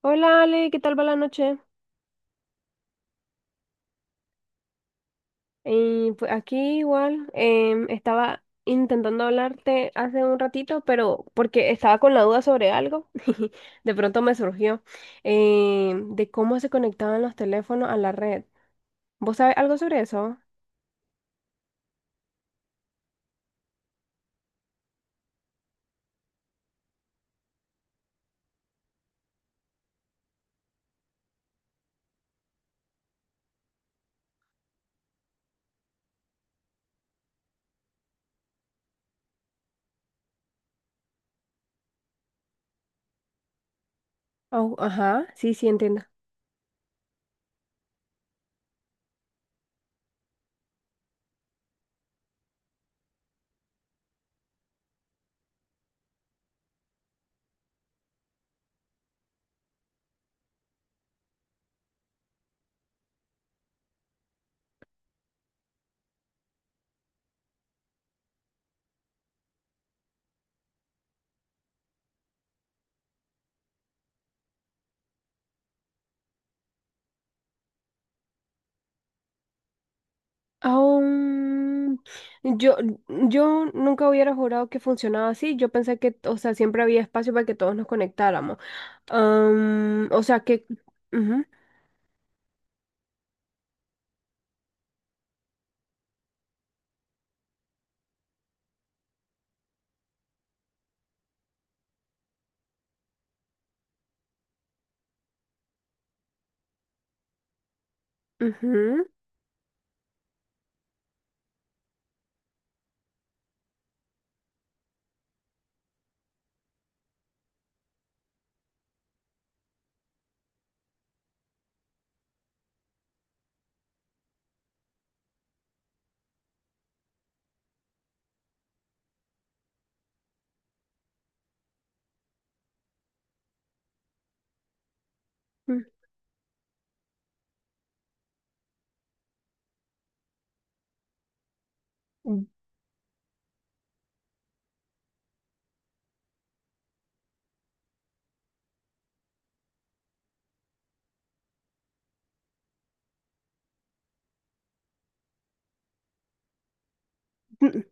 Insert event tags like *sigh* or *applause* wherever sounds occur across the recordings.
Hola Ale, ¿qué tal va la noche? Y pues aquí igual, estaba intentando hablarte hace un ratito, pero porque estaba con la duda sobre algo, *laughs* de pronto me surgió, de cómo se conectaban los teléfonos a la red. ¿Vos sabés algo sobre eso? Au- ajá, sí, sí, entiendo. Aún, yo, yo nunca hubiera jurado que funcionaba así. Yo pensé que, o sea, siempre había espacio para que todos nos conectáramos. O sea, que... Ujú, ujú. Mm. Mm, mm.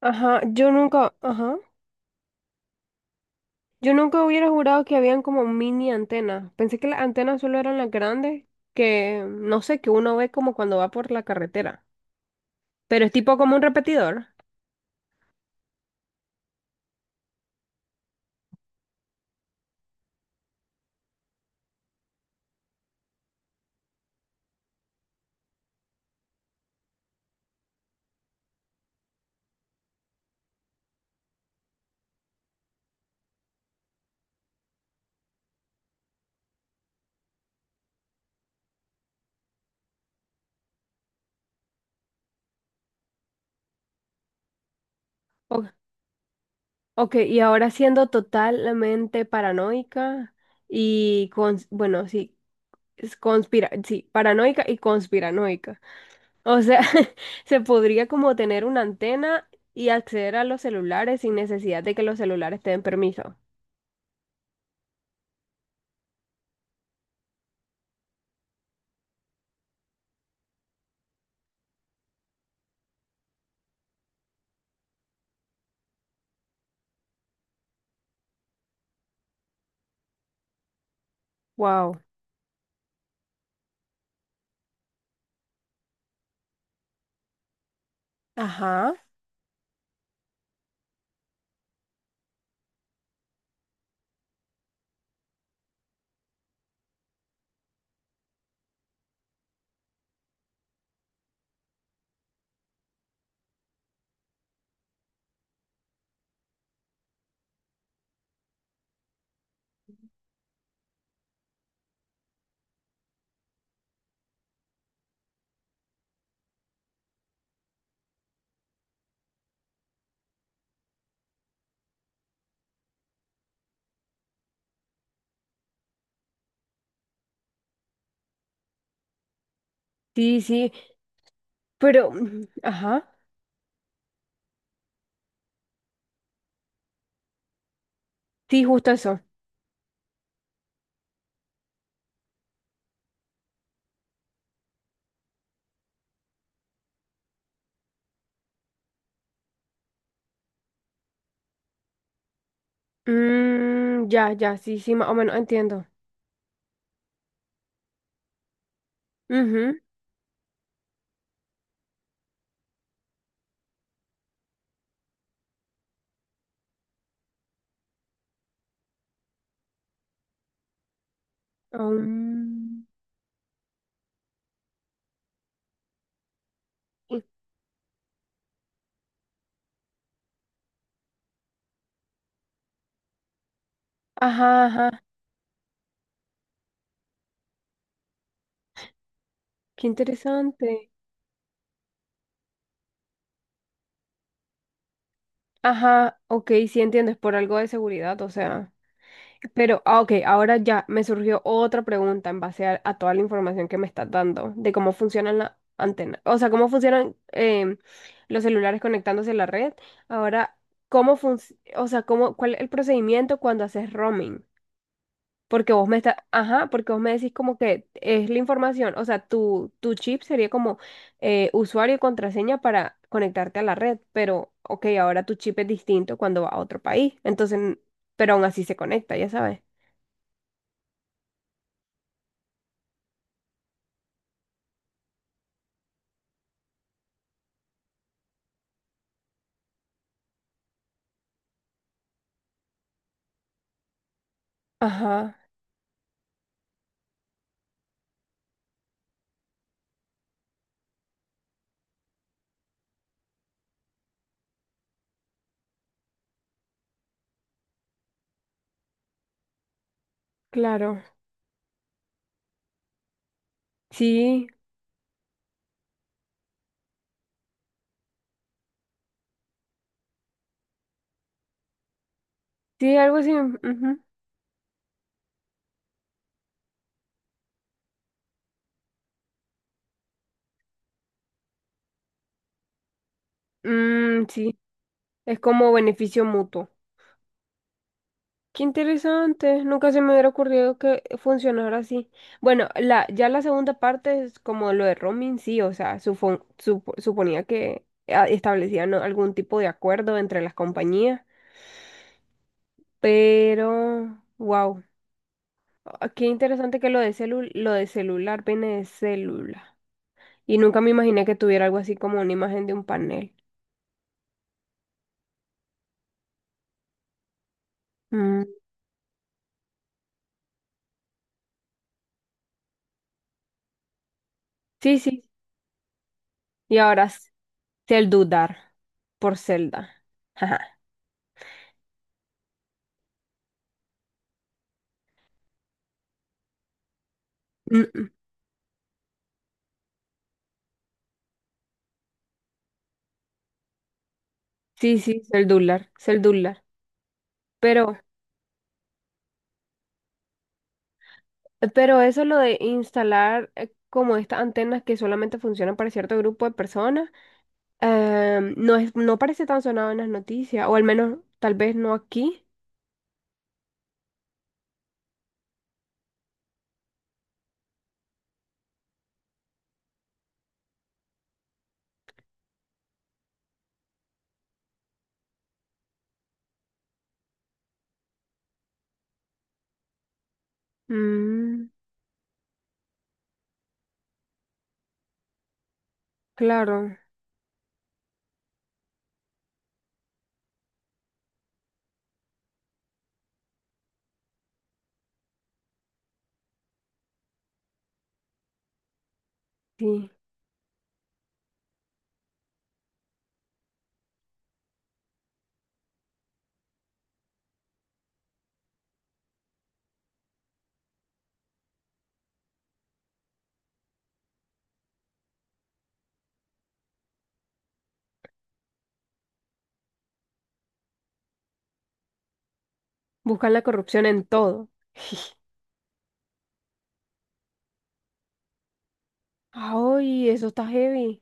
Ajá, yo nunca hubiera jurado que habían como mini antenas. Pensé que las antenas solo eran las grandes, que no sé, que uno ve como cuando va por la carretera. Pero es tipo como un repetidor. O- ok, y ahora siendo totalmente paranoica y con, bueno, sí, es conspira, sí, paranoica y conspiranoica. O sea, *laughs* se podría como tener una antena y acceder a los celulares sin necesidad de que los celulares te den permiso. Wow. Ajá. Sí, sí. Pero, mm, ajá. Sí, justo eso. Mm, ya, ya, sí, sí, más o menos entiendo. Ujú. Um, y- ajá, ajá. Qué interesante. Ajá, ok, sí entiendes, por algo de seguridad, o sea. Pero, ah, ok, ahora ya me surgió otra pregunta en base a toda la información que me estás dando de cómo funcionan las antenas, o sea, cómo funcionan los celulares conectándose a la red. Ahora, ¿cómo funciona, o sea, cómo, cuál es el procedimiento cuando haces roaming? Porque vos me estás, ajá, porque vos me decís como que es la información, o sea, tu chip sería como usuario y contraseña para conectarte a la red, pero, ok, ahora tu chip es distinto cuando va a otro país, entonces, pero aún así se conecta, ya sabes. Ajá, claro. Sí, sí, algo así. Ujú. Mm, sí, es como beneficio mutuo. Qué interesante, nunca se me hubiera ocurrido que funcionara así. Bueno, la, ya la segunda parte es como lo de roaming, sí, o sea, suponía que ah, establecían, ¿no?, algún tipo de acuerdo entre las compañías, pero, wow, qué interesante que lo de lo de celular viene de célula. Y nunca me imaginé que tuviera algo así como una imagen de un panel. Mm. Sí, sí. Y ahora Celdudar por celda. Ajá. Mm, mm. Sí, sí, Celdular, Celdular. Pero, pero eso lo de instalar como estas antenas que solamente funcionan para cierto grupo de personas, no es, no parece tan sonado en las noticias, o al menos tal vez no aquí. Mm, claro, sí. Buscan la corrupción en todo. *laughs* Ay, eso está heavy.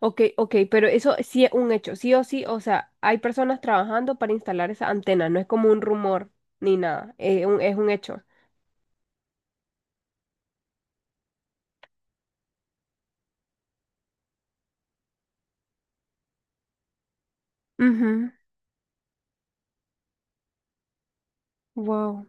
Ok, ok, pero eso sí es un hecho, sí o sí, o sea, hay personas trabajando para instalar esa antena, no es como un rumor ni nada, es un hecho. Ujú, wow.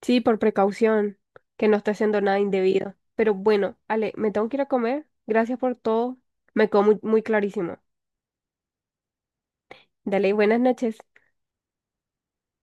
Sí, por precaución, que no esté haciendo nada indebido. Pero bueno, Ale, me tengo que ir a comer, gracias por todo, me quedó muy, muy clarísimo. Dale, buenas noches.